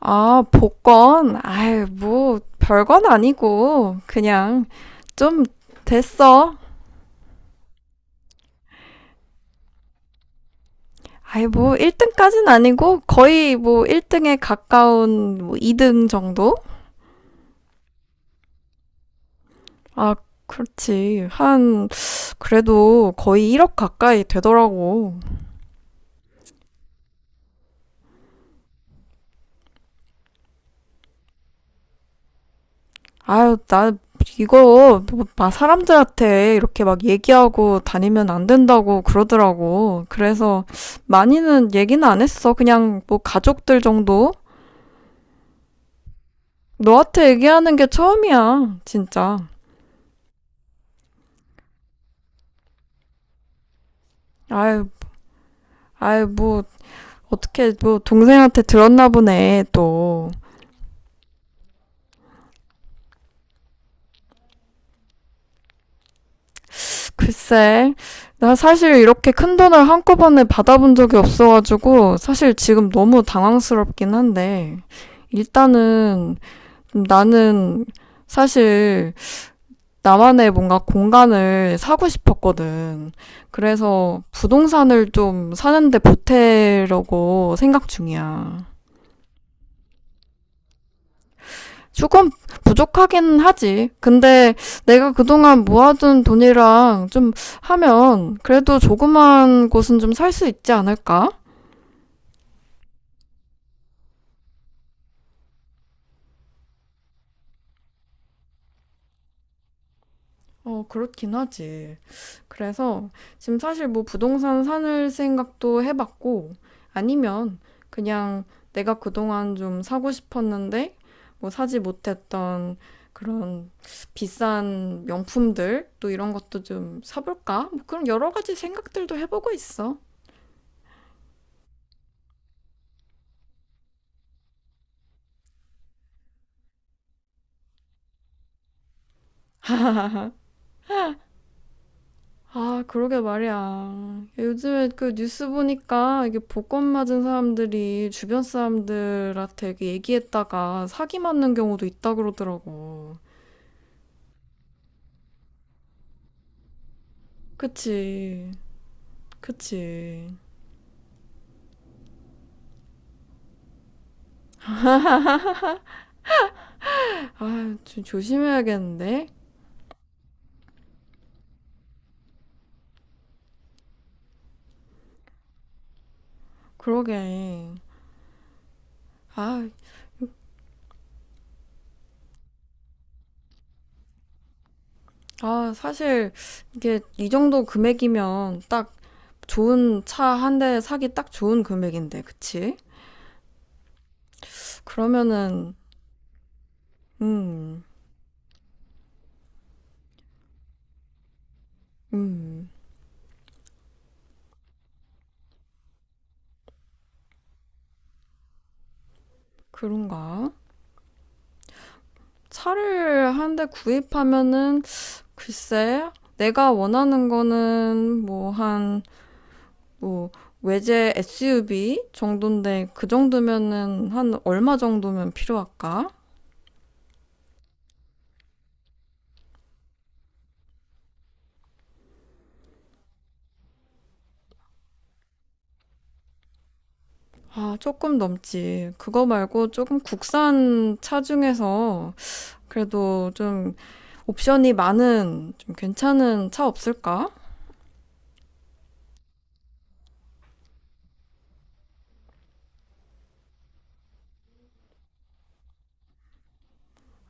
아, 복권? 아유, 뭐, 별건 아니고, 그냥, 좀, 됐어. 아유, 뭐, 1등까진 아니고, 거의 뭐, 1등에 가까운, 뭐, 2등 정도? 아, 그렇지. 한, 그래도 거의 1억 가까이 되더라고. 아유, 나, 이거, 뭐, 막 사람들한테 이렇게 막 얘기하고 다니면 안 된다고 그러더라고. 그래서, 많이는 얘기는 안 했어. 그냥, 뭐, 가족들 정도? 너한테 얘기하는 게 처음이야, 진짜. 아유, 아유, 뭐, 어떻게, 뭐, 동생한테 들었나 보네, 또. 글쎄, 나 사실 이렇게 큰 돈을 한꺼번에 받아본 적이 없어가지고, 사실 지금 너무 당황스럽긴 한데, 일단은, 나는, 사실, 나만의 뭔가 공간을 사고 싶었거든. 그래서 부동산을 좀 사는데 보태려고 생각 중이야. 조금 부족하긴 하지. 근데 내가 그동안 모아둔 돈이랑 좀 하면 그래도 조그만 곳은 좀 살 수 있지 않을까? 어, 그렇긴 하지. 그래서 지금 사실 뭐 부동산 사는 생각도 해봤고 아니면 그냥 내가 그동안 좀 사고 싶었는데 뭐 사지 못했던 그런 비싼 명품들 또 이런 것도 좀 사볼까? 뭐 그런 여러 가지 생각들도 해보고 있어. 아, 그러게 말이야. 요즘에 그 뉴스 보니까 이게 복권 맞은 사람들이 주변 사람들한테 이렇게 얘기했다가 사기 맞는 경우도 있다 그러더라고. 그치, 그치. 아, 좀 조심해야겠는데? 그러게. 아, 아, 사실 이게 이 정도 금액이면 딱 좋은 차 한 대 사기 딱 좋은 금액인데, 그치? 그러면은, 음, 음, 그런가? 차를 한 대 구입하면은 글쎄 내가 원하는 거는 뭐 한 뭐 외제 SUV 정도인데 그 정도면은 한 얼마 정도면 필요할까? 아, 조금 넘지. 그거 말고 조금 국산 차 중에서 그래도 좀 옵션이 많은 좀 괜찮은 차 없을까?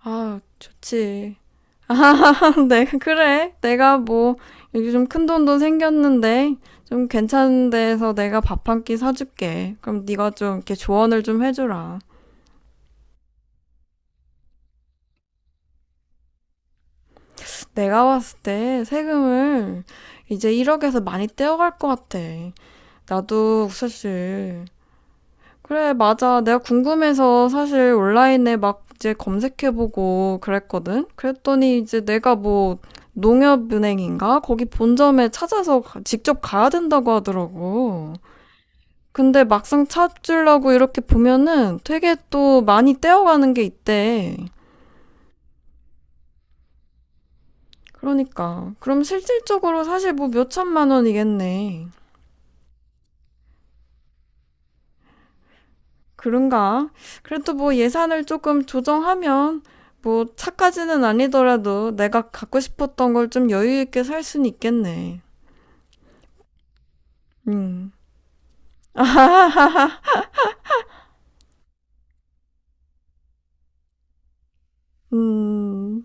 아, 좋지. 아, 네, 그래. 내가 뭐, 여기 좀 큰 돈도 생겼는데, 좀 괜찮은 데서 내가 밥 한 끼 사줄게. 그럼 네가 좀 이렇게 조언을 좀 해주라. 내가 봤을 때 세금을 이제 1억에서 많이 떼어갈 것 같아. 나도 사실. 그래, 맞아. 내가 궁금해서 사실 온라인에 막 이제 검색해보고 그랬거든? 그랬더니 이제 내가 뭐, 농협은행인가? 거기 본점에 찾아서 직접 가야 된다고 하더라고. 근데 막상 찾으려고 이렇게 보면은 되게 또 많이 떼어가는 게 있대. 그러니까. 그럼 실질적으로 사실 뭐 몇천만 원이겠네. 그런가? 그래도 뭐 예산을 조금 조정하면 뭐 차까지는 아니더라도 내가 갖고 싶었던 걸 좀 여유 있게 살 수는 있겠네. 음. 음.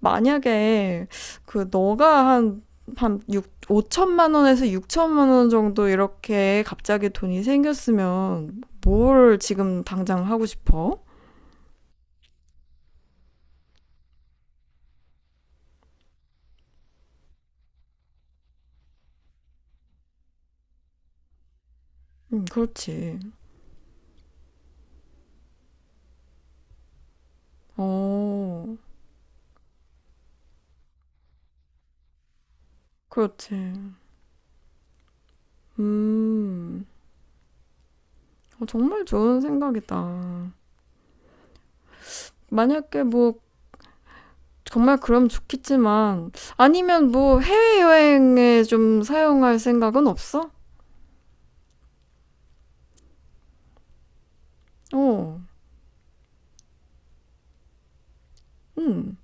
만약에 그 너가 한한 6, 5천만 원에서 6천만 원 정도 이렇게 갑자기 돈이 생겼으면 뭘 지금 당장 하고 싶어? 그렇지. 어, 그렇지. 음, 어, 정말 좋은 생각이다. 만약에 뭐 정말 그럼 좋겠지만 아니면 뭐 해외여행에 좀 사용할 생각은 없어? 어, 음.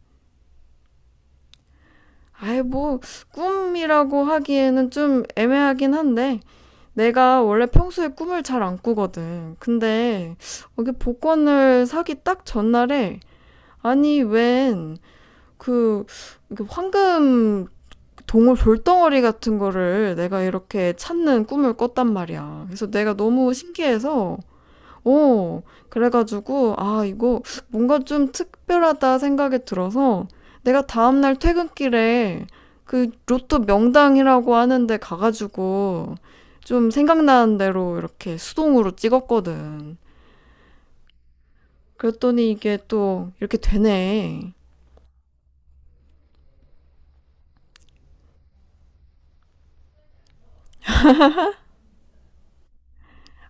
아이, 뭐, 꿈이라고 하기에는 좀 애매하긴 한데, 내가 원래 평소에 꿈을 잘 안 꾸거든. 근데, 여기 복권을 사기 딱 전날에, 아니, 웬, 그, 황금 동물 돌덩어리 같은 거를 내가 이렇게 찾는 꿈을 꿨단 말이야. 그래서 내가 너무 신기해서, 어. 그래가지고 아 이거 뭔가 좀 특별하다 생각이 들어서 내가 다음날 퇴근길에 그 로또 명당이라고 하는데 가가지고 좀 생각나는 대로 이렇게 수동으로 찍었거든. 그랬더니 이게 또 이렇게 되네.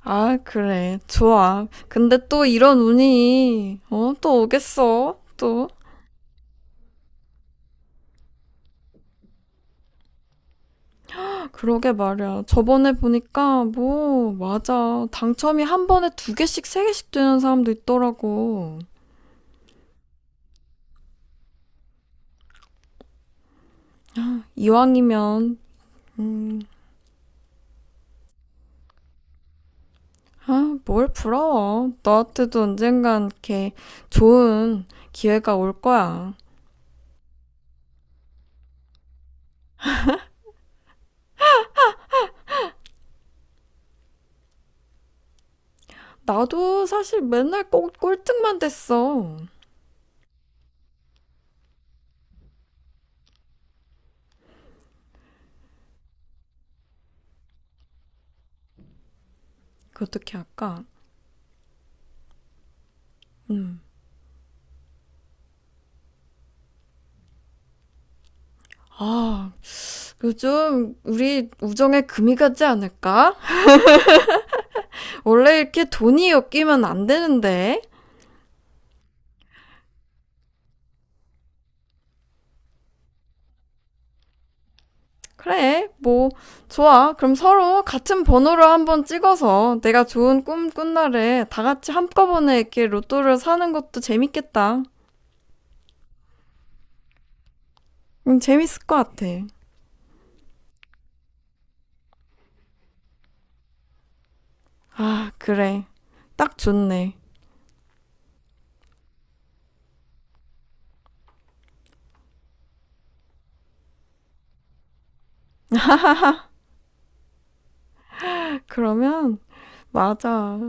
아, 그래. 좋아. 근데 또 이런 운이, 어, 또 오겠어. 또. 그러게 말이야. 저번에 보니까 뭐 맞아. 당첨이 한 번에 두 개씩 세 개씩 되는 사람도 있더라고. 이왕이면 음, 아, 뭘 부러워. 너한테도 언젠간 이렇게 좋은 기회가 올 거야. 나도 사실 맨날 꼭 꼴등만 됐어. 그 어떻게 할까? 음. 아, 요즘 우리 우정에 금이 가지 않을까? 원래 이렇게 돈이 엮이면 안 되는데. 그래, 뭐, 좋아. 그럼 서로 같은 번호로 한번 찍어서 내가 좋은 꿈 꾼 날에 다 같이 한꺼번에 이렇게 로또를 사는 것도 재밌겠다. 응, 재밌을 것 같아. 아, 그래. 딱 좋네. 그러면, 맞아.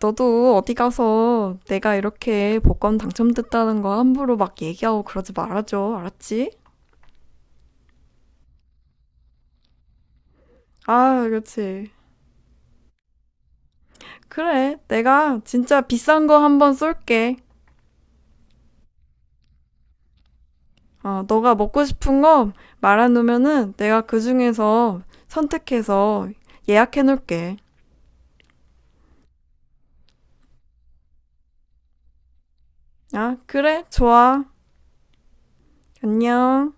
너도 어디 가서 내가 이렇게 복권 당첨됐다는 거 함부로 막 얘기하고 그러지 말아줘. 알았지? 아, 그렇지. 그래. 내가 진짜 비싼 거 한번 쏠게. 어, 너가 먹고 싶은 거 말해놓으면은 내가 그 중에서 선택해서 예약해놓을게. 아, 그래? 좋아. 안녕.